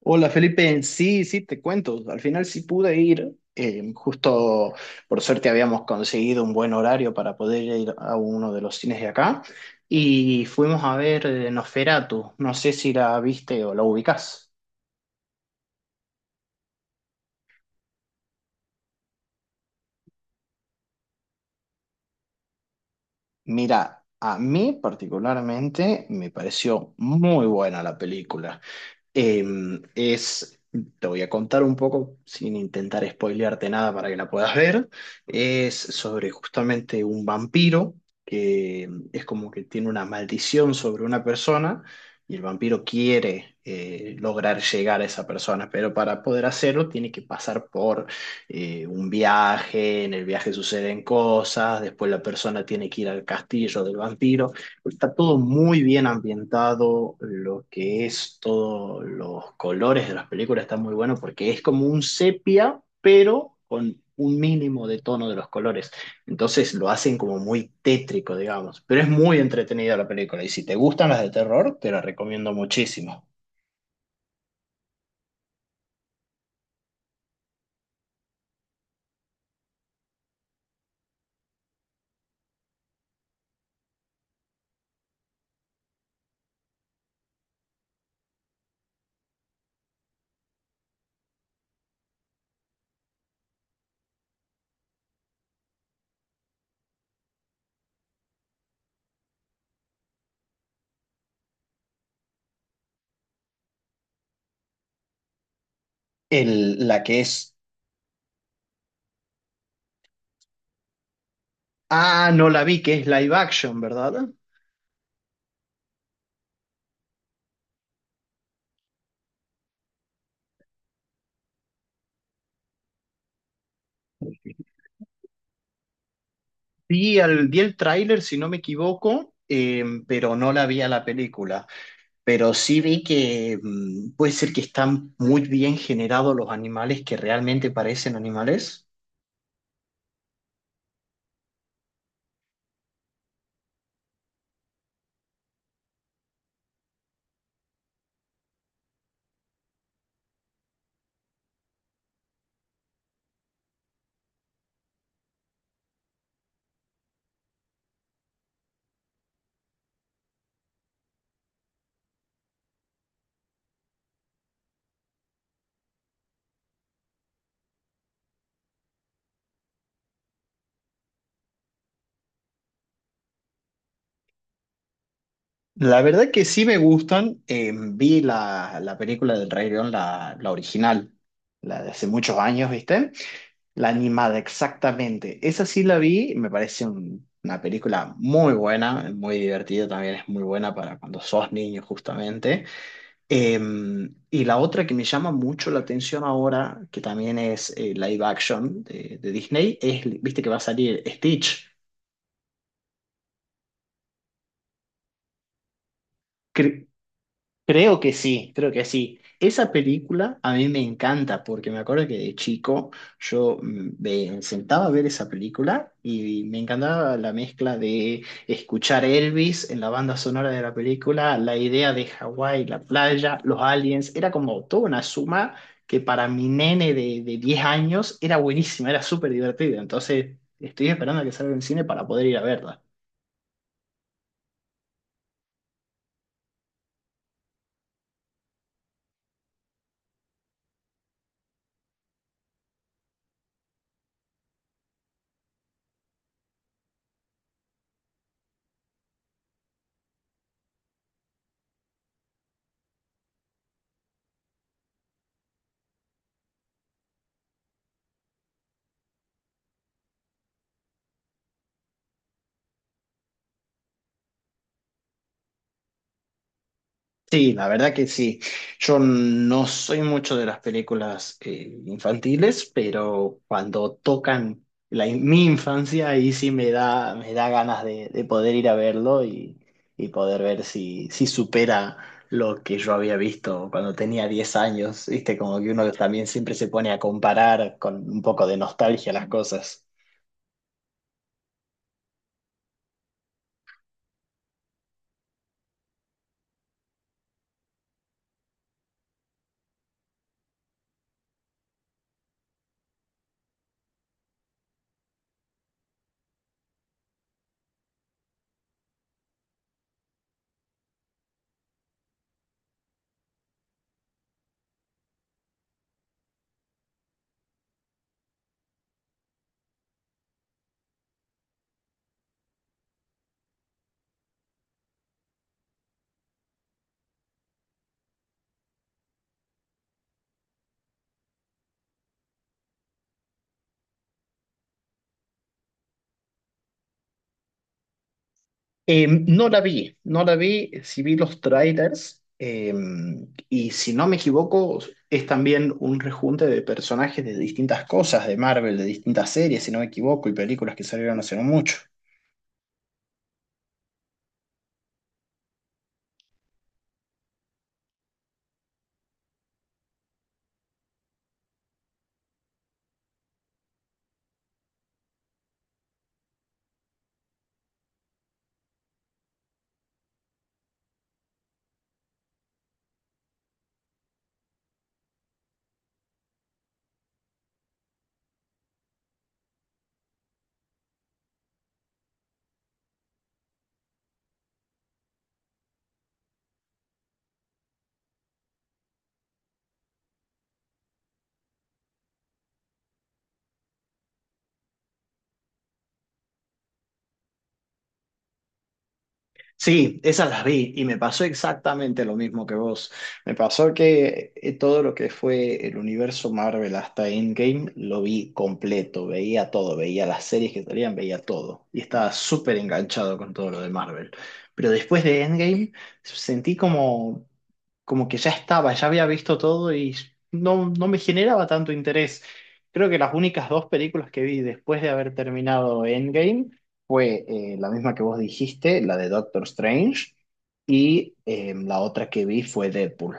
Hola Felipe, sí, sí, te cuento. Al final sí pude ir. Justo por suerte habíamos conseguido un buen horario para poder ir a uno de los cines de acá y fuimos a ver Nosferatu. No sé si la viste o la ubicás. Mira, a mí particularmente me pareció muy buena la película. Em, es, Te voy a contar un poco, sin intentar spoilearte nada para que la puedas ver. Es sobre justamente un vampiro que es como que tiene una maldición sobre una persona y el vampiro quiere lograr llegar a esa persona, pero para poder hacerlo tiene que pasar por un viaje, en el viaje suceden cosas, después la persona tiene que ir al castillo del vampiro. Está todo muy bien ambientado, lo que es todos los colores de las películas está muy bueno porque es como un sepia, pero con un mínimo de tono de los colores. Entonces lo hacen como muy tétrico, digamos, pero es muy entretenida la película y si te gustan las de terror, te la recomiendo muchísimo. El, la que es... Ah, no la vi, que es live action, ¿verdad? Vi el tráiler, si no me equivoco, pero no la vi a la película. Pero sí vi que puede ser que están muy bien generados los animales que realmente parecen animales. La verdad que sí me gustan. Vi la película del Rey León, la original, la de hace muchos años, ¿viste? La animada, exactamente. Esa sí la vi, me parece una película muy buena, muy divertida también, es muy buena para cuando sos niño justamente. Eh, y la otra que me llama mucho la atención ahora, que también es live action de Disney, es, viste que va a salir Stitch. Cre- Creo que sí, creo que sí. Esa película a mí me encanta porque me acuerdo que de chico yo me sentaba a ver esa película y me encantaba la mezcla de escuchar Elvis en la banda sonora de la película, la idea de Hawái, la playa, los aliens, era como toda una suma que para mi nene de 10 años era buenísima, era súper divertida. Entonces estoy esperando a que salga en cine para poder ir a verla. Sí, la verdad que sí. Yo no soy mucho de las películas infantiles, pero cuando tocan la, mi infancia, ahí sí me da ganas de poder ir a verlo y poder ver si, si supera lo que yo había visto cuando tenía 10 años. ¿Viste? Como que uno también siempre se pone a comparar con un poco de nostalgia las cosas. No la vi, no la vi, sí vi los trailers y si no me equivoco es también un rejunte de personajes de distintas cosas de Marvel, de distintas series, si no me equivoco, y películas que salieron hace no mucho. Sí, esas las vi y me pasó exactamente lo mismo que vos. Me pasó que todo lo que fue el universo Marvel hasta Endgame lo vi completo, veía todo, veía las series que salían, veía todo y estaba súper enganchado con todo lo de Marvel. Pero después de Endgame sentí como, como que ya estaba, ya había visto todo y no, no me generaba tanto interés. Creo que las únicas dos películas que vi después de haber terminado Endgame fue la misma que vos dijiste, la de Doctor Strange, y la otra que vi fue Deadpool.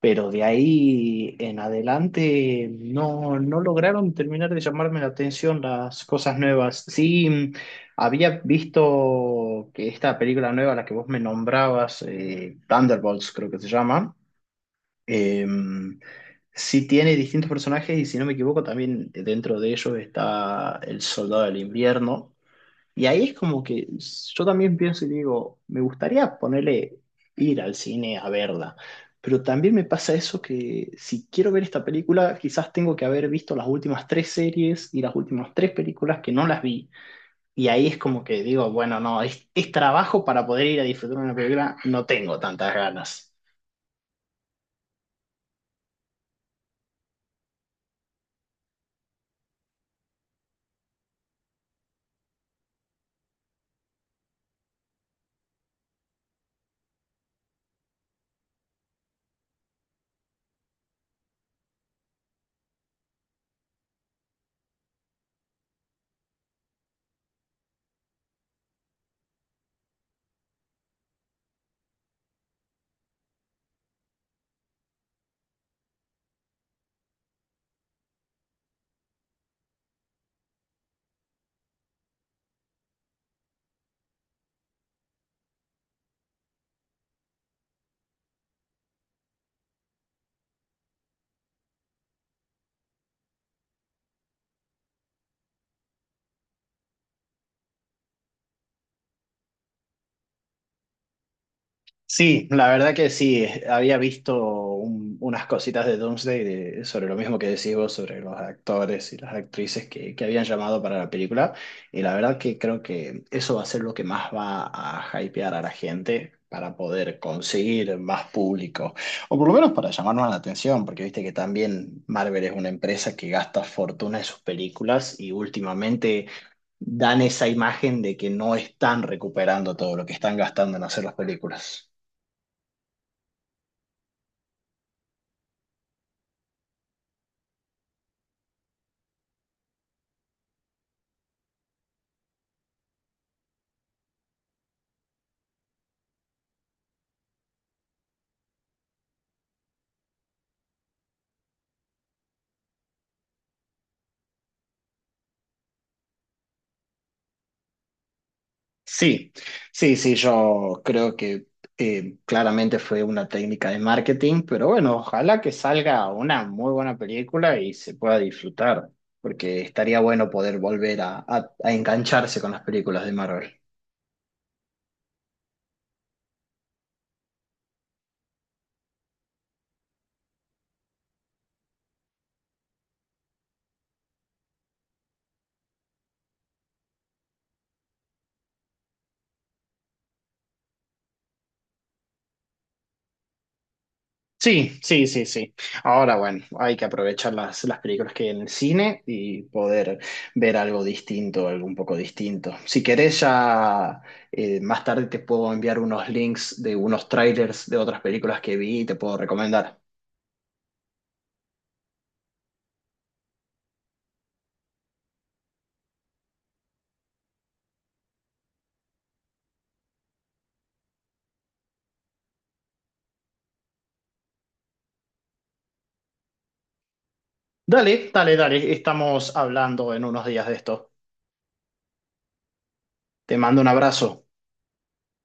Pero de ahí en adelante no, no lograron terminar de llamarme la atención las cosas nuevas. Sí, había visto que esta película nueva, la que vos me nombrabas, Thunderbolts creo que se llama, em, sí tiene distintos personajes y si no me equivoco también dentro de ellos está el Soldado del Invierno, y ahí es como que yo también pienso y digo, me gustaría ponerle ir al cine a verla, pero también me pasa eso que si quiero ver esta película, quizás tengo que haber visto las últimas tres series y las últimas tres películas que no las vi. Y ahí es como que digo, bueno, no, es trabajo para poder ir a disfrutar una película, no tengo tantas ganas. Sí, la verdad que sí, había visto unas cositas de Doomsday sobre lo mismo que decís vos, sobre los actores y las actrices que habían llamado para la película, y la verdad que creo que eso va a ser lo que más va a hypear a la gente para poder conseguir más público, o por lo menos para llamarnos la atención, porque viste que también Marvel es una empresa que gasta fortuna en sus películas y últimamente... dan esa imagen de que no están recuperando todo lo que están gastando en hacer las películas. Sí, sí, sí, yo creo que claramente fue una técnica de marketing, pero bueno, ojalá que salga una muy buena película y se pueda disfrutar, porque estaría bueno poder volver a, a engancharse con las películas de Marvel. Sí, sí, sí, sí. Ahora, bueno, hay que aprovechar las películas que hay en el cine y poder ver algo distinto, algo un poco distinto. Si querés, ya más tarde te puedo enviar unos links de unos trailers de otras películas que vi y te puedo recomendar. Dale, dale, dale. Estamos hablando en unos días de esto. Te mando un abrazo.